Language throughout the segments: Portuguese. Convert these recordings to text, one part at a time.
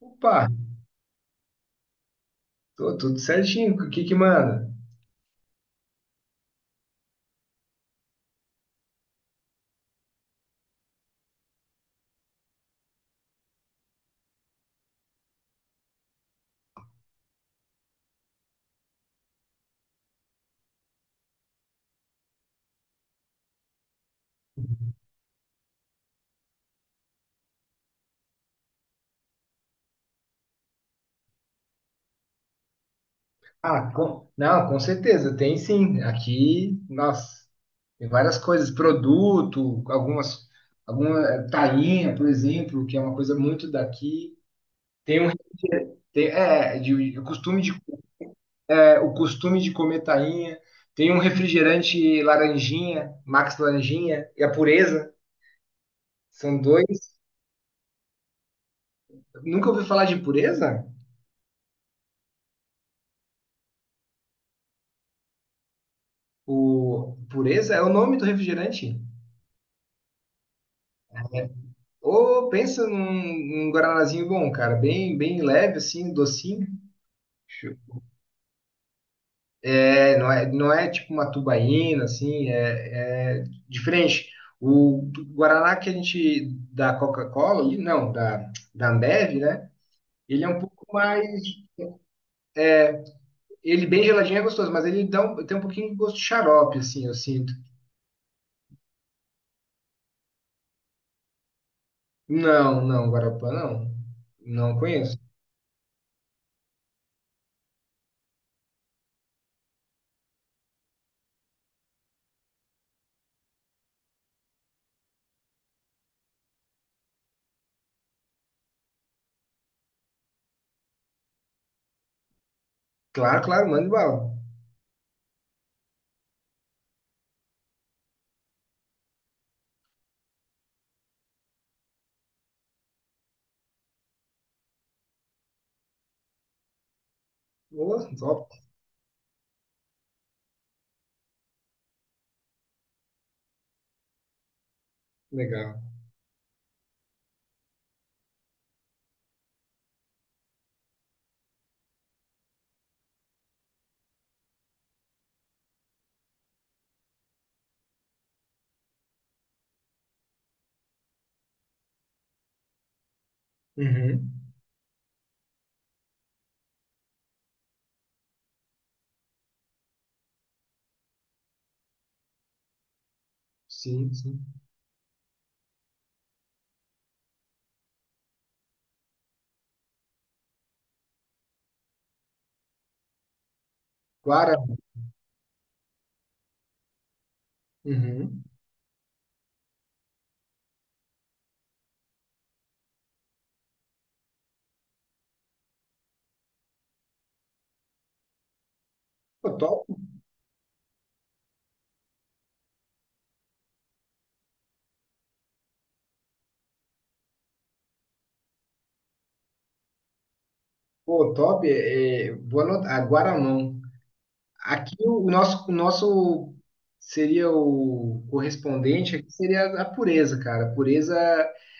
Opa, tô tudo certinho. O que que manda? Ah, não, com certeza, tem sim. Aqui, nossa, tem várias coisas, produto, algumas, tainha, por exemplo, que é uma coisa muito daqui. Tem um, tem- é, de costume de, é, O costume de comer tainha. Tem um refrigerante laranjinha, Max Laranjinha, e a Pureza. São dois. Nunca ouvi falar de Pureza? O Pureza é o nome do refrigerante? Ô, pensa num guaranazinho bom, cara, bem leve, assim, docinho. Show. Não é tipo uma tubaína, assim, é diferente. O Guaraná que a gente da Coca-Cola, ali, não, da Ambev, né? Ele é um pouco mais. Ele bem geladinho é gostoso, mas ele tem um pouquinho de gosto de xarope, assim, eu sinto. Não, Guarapá não. Não conheço. Claro, claro, manda bala. Ô, top, legal. Uhum. Sim, sim. Claro. Uhum. Pô, top. Pô, top. Vou anotar. Ah, Guaramão. Aqui o nosso seria o correspondente aqui seria a pureza, cara. A pureza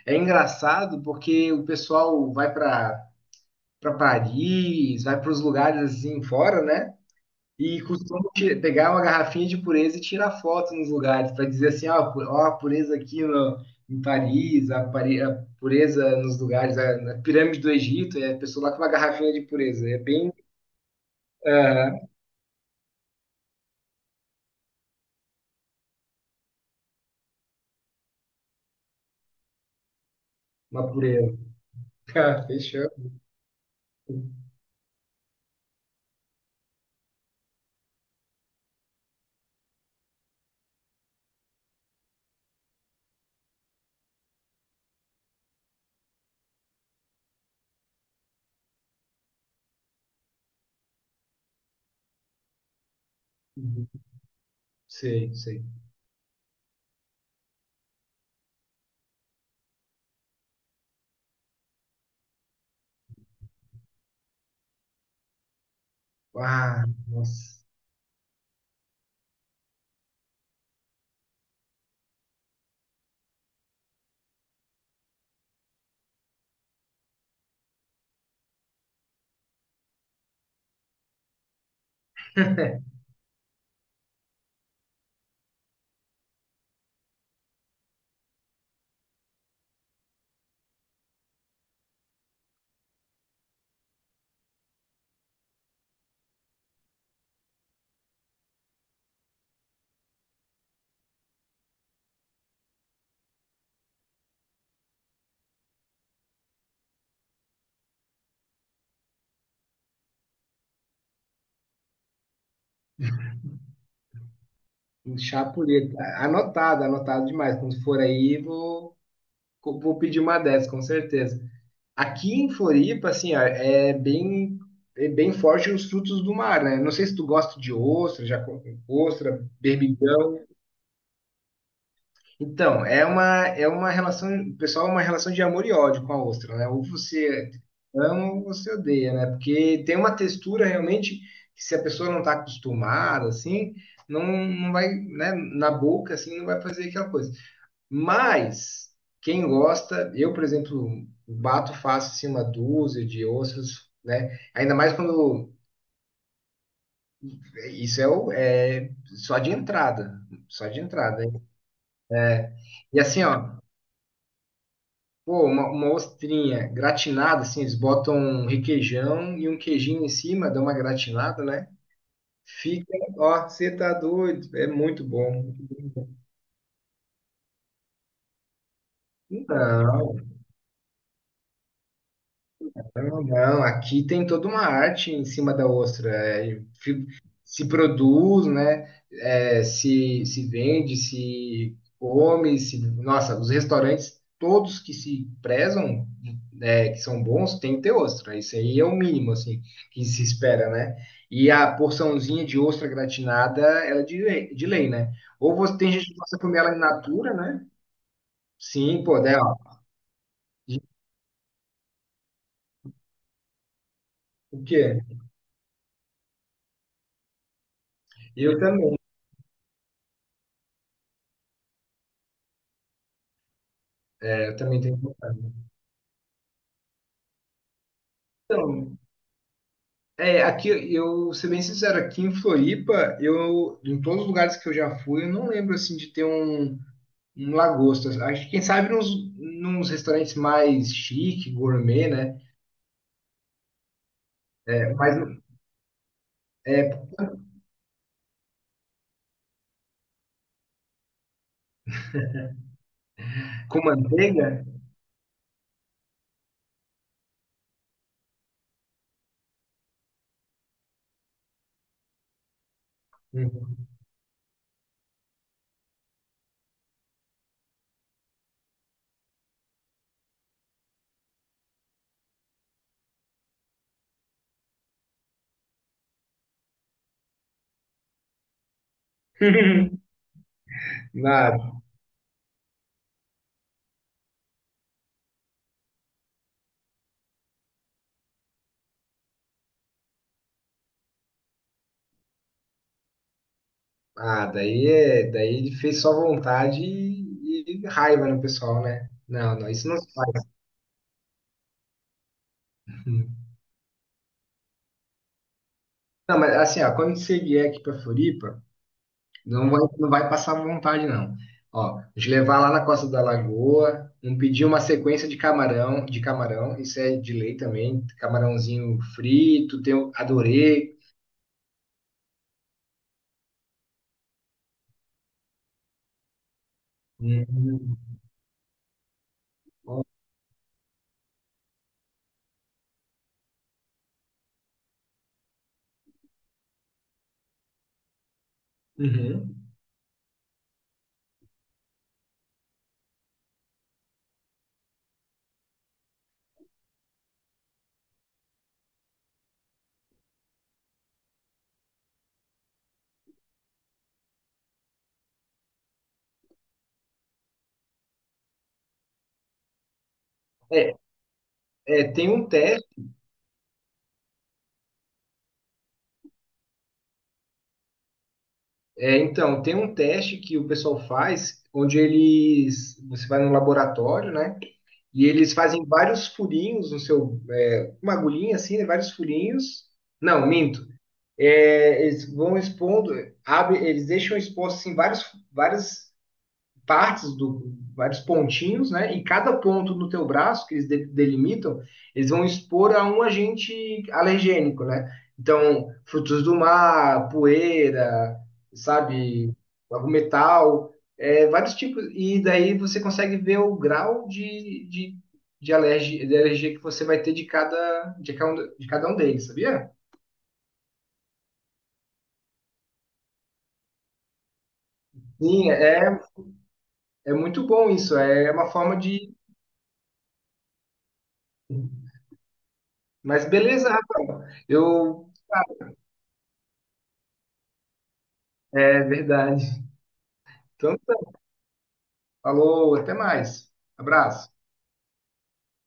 é engraçado porque o pessoal vai para Paris, vai para os lugares assim fora, né? E costumo pegar uma garrafinha de pureza e tirar foto nos lugares para dizer assim, ó, a pureza aqui no, em Paris, a pureza nos lugares, a, na pirâmide do Egito, é a pessoa lá com uma garrafinha de pureza. É bem ah, uma pureza. Ah, fechou? Uhum. Sei, sei. Ah, nossa. Um chá Anotado, anotado demais. Quando for aí, vou pedir uma dessas, com certeza. Aqui em Floripa, assim, ó, é bem forte os frutos do mar, né? Não sei se tu gosta de ostra, já com ostra, berbigão. Então, é uma, é uma relação, pessoal, é uma relação de amor e ódio com a ostra, né? Ou você ama ou você odeia, né? Porque tem uma textura realmente que, se a pessoa não está acostumada, assim, não vai, né? Na boca, assim, não vai fazer aquela coisa. Mas quem gosta, eu, por exemplo, bato fácil assim, uma dúzia de ossos, né? Ainda mais quando isso é só de entrada, só de entrada. Hein? E assim, ó, pô, uma ostrinha gratinada, assim, eles botam um requeijão e um queijinho em cima, dão uma gratinada, né? Fica, ó, você tá doido, é muito bom. Não. Não, não, aqui tem toda uma arte em cima da ostra. Se produz, né? Se vende, se come, se... Nossa, os restaurantes, todos que se prezam, né, que são bons, tem que ter ostra. Isso aí é o mínimo, assim, que se espera, né? E a porçãozinha de ostra gratinada, ela é de lei, né? Ou você tem gente que gosta de comer ela in natura, né? Sim, pô, né? Ó. O quê? Eu também, né, eu também tenho vontade. Então, é, aqui eu, ser bem sincero, aqui em Floripa, eu, em todos os lugares que eu já fui, eu não lembro assim de ter um, um lagosta. Acho que quem sabe nos restaurantes mais chique, gourmet, né? É, é, com manteiga? Uhum. Nada. Ah, daí ele fez só vontade e raiva no pessoal, né? Não, não, isso não se faz. Não, mas assim, ó, quando você vier aqui para Floripa, não vai, não vai passar vontade, não. Ó, de levar lá na Costa da Lagoa, um pedir uma sequência de camarão, isso é de lei também, camarãozinho frito, adorei. Hum, ó, uhum. É, é, tem um teste, tem um teste que o pessoal faz, onde eles, você vai no laboratório, né, e eles fazem vários furinhos no seu, é, uma agulhinha assim, né, vários furinhos, não, minto, é, eles vão expondo, abre, eles deixam expostos assim, várias, várias partes do vários pontinhos, né? E cada ponto no teu braço que eles delimitam, eles vão expor a um agente alergênico, né? Então, frutos do mar, poeira, sabe, algum metal, é, vários tipos. E daí você consegue ver o grau de alergia que você vai ter de cada, de cada um deles, sabia? Sim, é. É muito bom isso, é uma forma de. Mas beleza, Rafael. Eu. É verdade. Então, tá. Falou, até mais. Abraço.